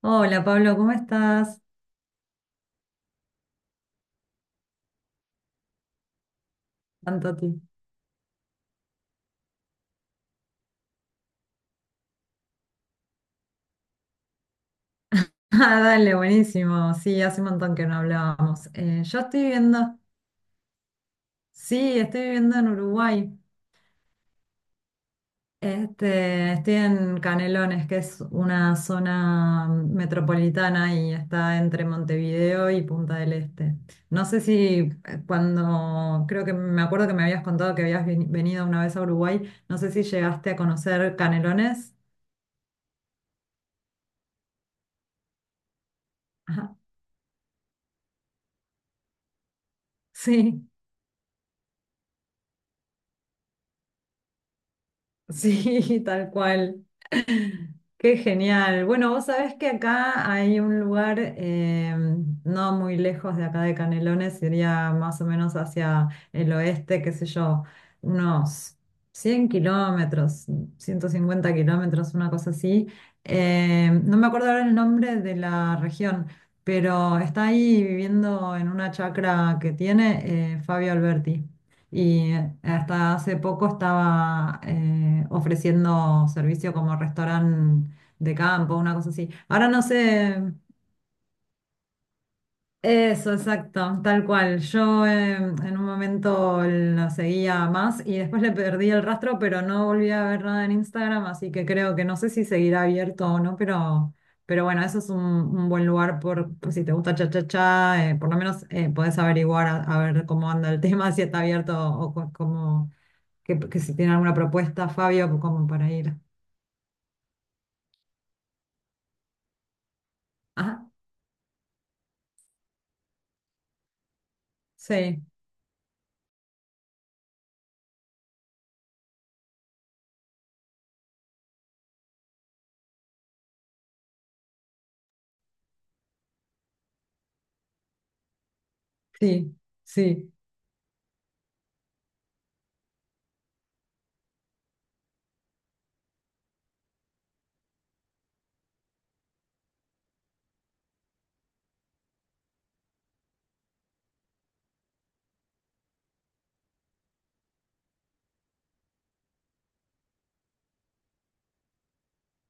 Hola Pablo, ¿cómo estás? Tanto ti. Ah, dale, buenísimo. Sí, hace un montón que no hablábamos. Sí, estoy viviendo en Uruguay. Estoy en Canelones, que es una zona metropolitana y está entre Montevideo y Punta del Este. No sé si creo que me acuerdo que me habías contado que habías venido una vez a Uruguay, no sé si llegaste a conocer Canelones. Ajá. Sí. Sí, tal cual. Qué genial. Bueno, vos sabés que acá hay un lugar no muy lejos de acá de Canelones, sería más o menos hacia el oeste, qué sé yo, unos 100 km, 150 km, una cosa así. No me acuerdo ahora el nombre de la región, pero está ahí viviendo en una chacra que tiene Fabio Alberti. Y hasta hace poco estaba ofreciendo servicio como restaurante de campo, una cosa así. Ahora no sé, eso, exacto, tal cual. Yo en un momento la seguía más y después le perdí el rastro, pero no volví a ver nada en Instagram, así que creo que no sé si seguirá abierto o no, pero bueno, eso es un buen lugar por si te gusta cha cha cha, por lo menos podés averiguar a ver cómo anda el tema, si está abierto o cómo, que si tiene alguna propuesta, Fabio, como para ir. Ajá, sí, sí, sí,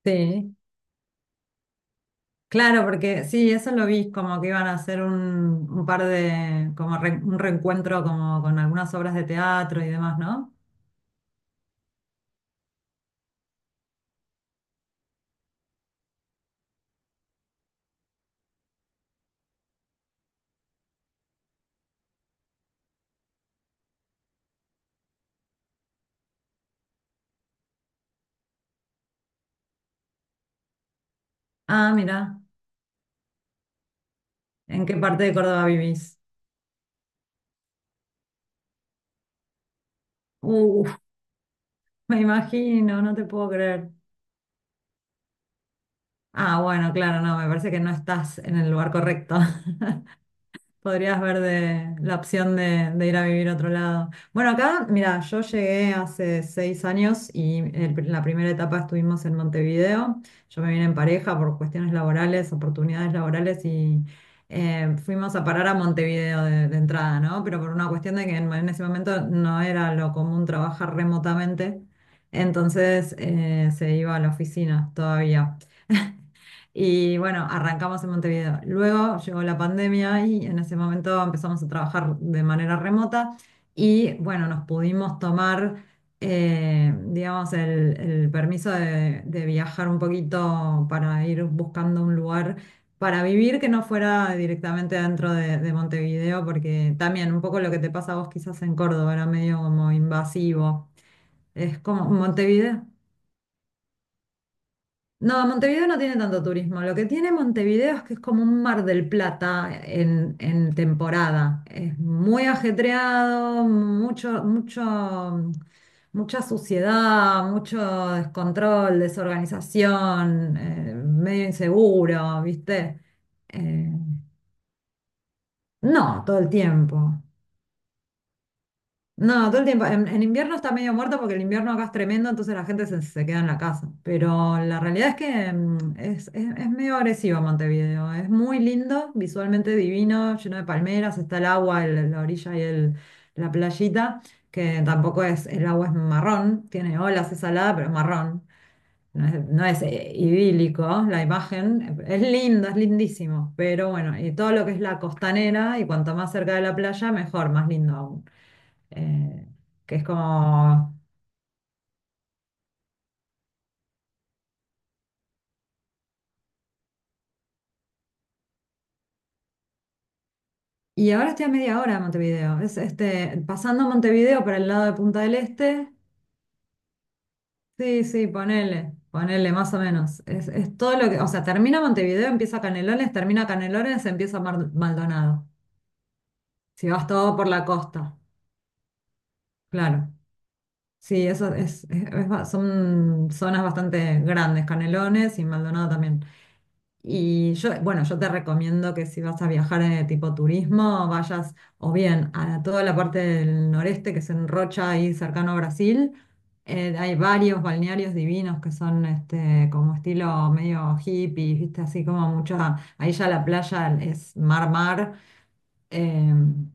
sí. Claro, porque sí, eso lo vi, como que iban a hacer un par de, como un reencuentro como con algunas obras de teatro y demás, ¿no? Ah, mira, ¿en qué parte de Córdoba vivís? Uf, me imagino, no te puedo creer. Ah, bueno, claro, no, me parece que no estás en el lugar correcto. Podrías ver de la opción de ir a vivir a otro lado. Bueno, acá, mira, yo llegué hace 6 años y en la primera etapa estuvimos en Montevideo. Yo me vine en pareja por cuestiones laborales, oportunidades laborales y fuimos a parar a Montevideo de entrada, ¿no? Pero por una cuestión de que en ese momento no era lo común trabajar remotamente, entonces se iba a la oficina todavía. Y bueno, arrancamos en Montevideo. Luego llegó la pandemia y en ese momento empezamos a trabajar de manera remota y bueno, nos pudimos tomar, digamos, el permiso de viajar un poquito para ir buscando un lugar para vivir que no fuera directamente dentro de Montevideo, porque también un poco lo que te pasa a vos quizás en Córdoba era medio como invasivo. Es como Montevideo. No, Montevideo no tiene tanto turismo. Lo que tiene Montevideo es que es como un Mar del Plata en temporada. Es muy ajetreado, mucha suciedad, mucho descontrol, desorganización, medio inseguro, ¿viste? Eh, no, todo el tiempo. No, todo el tiempo. En invierno está medio muerto porque el invierno acá es tremendo, entonces la gente se queda en la casa. Pero la realidad es que es medio agresivo Montevideo. Es muy lindo, visualmente divino, lleno de palmeras, está el agua, la orilla y la playita, que tampoco es, el agua es marrón, tiene olas, es salada, pero es marrón. No es, idílico la imagen, es linda, es lindísimo, pero bueno, y todo lo que es la costanera y cuanto más cerca de la playa, mejor, más lindo aún eh, que es como... Y ahora estoy a media hora de Montevideo. Es pasando Montevideo para el lado de Punta del Este. Sí, sí, ponele más o menos. Es todo lo que... O sea, termina Montevideo, empieza Canelones, termina Canelones, empieza Maldonado. Si vas todo por la costa, claro. Sí, eso es, son zonas bastante grandes, Canelones y Maldonado también. Y yo, bueno, yo te recomiendo que si vas a viajar en tipo turismo, vayas o bien a toda la parte del noreste, que es en Rocha, ahí cercano a Brasil. Hay varios balnearios divinos que son como estilo medio hippie, ¿viste? Así como mucha. Ahí ya la playa es mar-mar. em,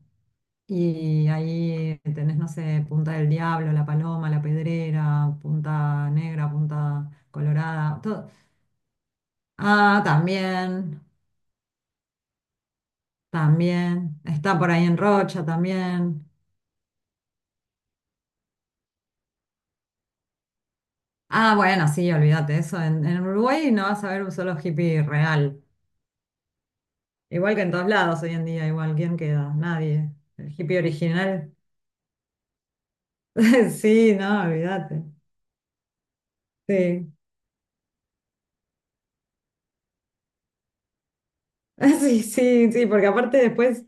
y ahí tenés, no sé, Punta del Diablo, La Paloma, La Pedrera, Punta Negra, Punta Colorada, todo. Ah, también. También, está por ahí en Rocha también. Ah, bueno, sí, olvídate eso. En Uruguay no vas a ver un solo hippie real. Igual que en todos lados hoy en día, igual, ¿quién queda? Nadie. El hippie original. Sí, no, olvídate. Sí, sí, sí, sí, porque aparte después,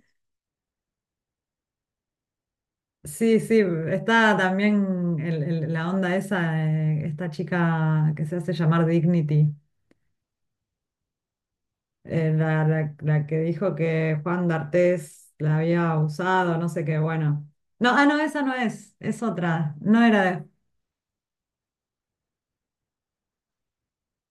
sí, sí, está también la onda esa, de esta chica que se hace llamar Dignity. La que dijo que Juan d'Artés la había usado, no sé qué, bueno. No, ah, no, esa no es, es otra, no era de...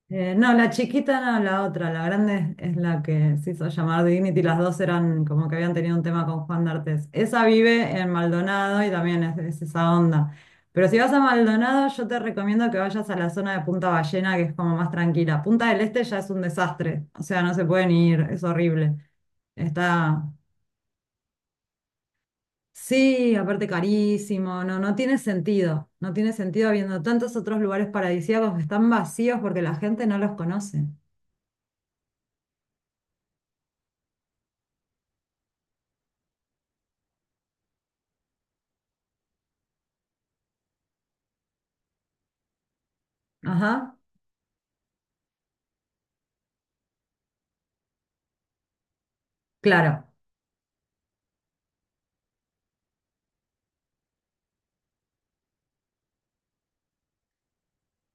No, la chiquita no, la otra, la grande es la que se hizo llamar Dignity, las dos eran como que habían tenido un tema con Juan d'Artés. Esa vive en Maldonado y también es esa onda. Pero si vas a Maldonado, yo te recomiendo que vayas a la zona de Punta Ballena, que es como más tranquila. Punta del Este ya es un desastre, o sea, no se pueden ir, es horrible. Está Sí, aparte carísimo, no, no tiene sentido, no tiene sentido habiendo tantos otros lugares paradisíacos que están vacíos porque la gente no los conoce. Ajá, claro,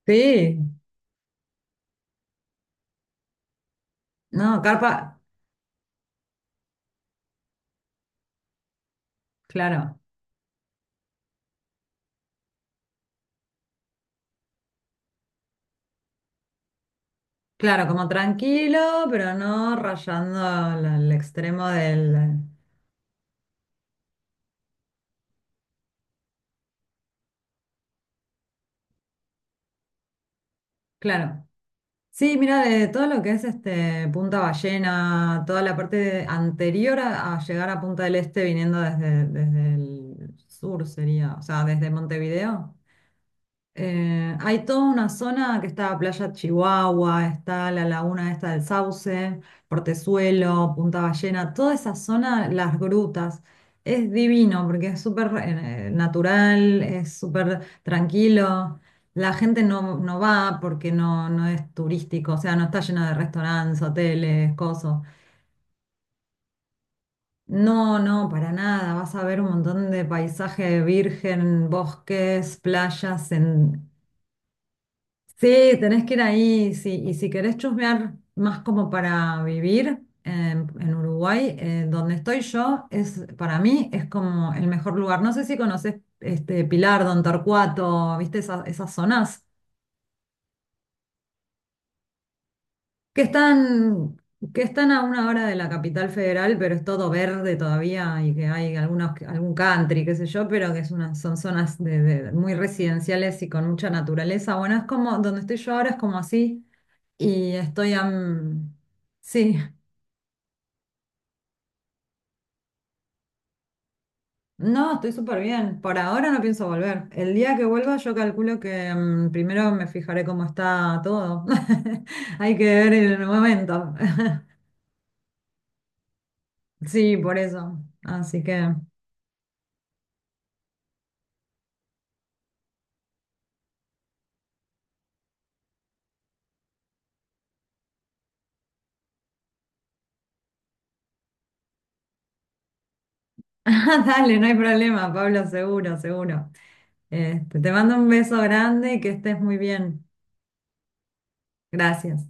sí, no, carpa, claro, claro, como tranquilo, pero no rayando el extremo del, claro. Sí, mira, de todo lo que es este Punta Ballena, toda la parte anterior a llegar a Punta del Este viniendo desde el sur sería, o sea, desde Montevideo. Hay toda una zona que está Playa Chihuahua, está la laguna esta del Sauce, Portezuelo, Punta Ballena, toda esa zona, las grutas, es divino porque es súper natural, es súper tranquilo. La gente no va porque no es turístico, o sea, no está lleno de restaurantes, hoteles, cosas. No, no, para nada. Vas a ver un montón de paisaje virgen, bosques, playas. En Sí, tenés que ir ahí, sí. Y si querés chusmear más como para vivir en Uruguay, donde estoy yo, es para mí es como el mejor lugar. No sé si conoces este Pilar, Don Torcuato, viste esas zonas que están, que están a una hora de la capital federal, pero es todo verde todavía y que hay algún country, qué sé yo, pero que es son zonas muy residenciales y con mucha naturaleza. Bueno, es como donde estoy yo ahora es como así. Y estoy a... Sí, no, estoy súper bien. Por ahora no pienso volver. El día que vuelva yo calculo que primero me fijaré cómo está todo. Hay que ver el momento. Sí, por eso. Así que... Dale, no hay problema, Pablo, seguro, seguro. Te mando un beso grande y que estés muy bien. Gracias.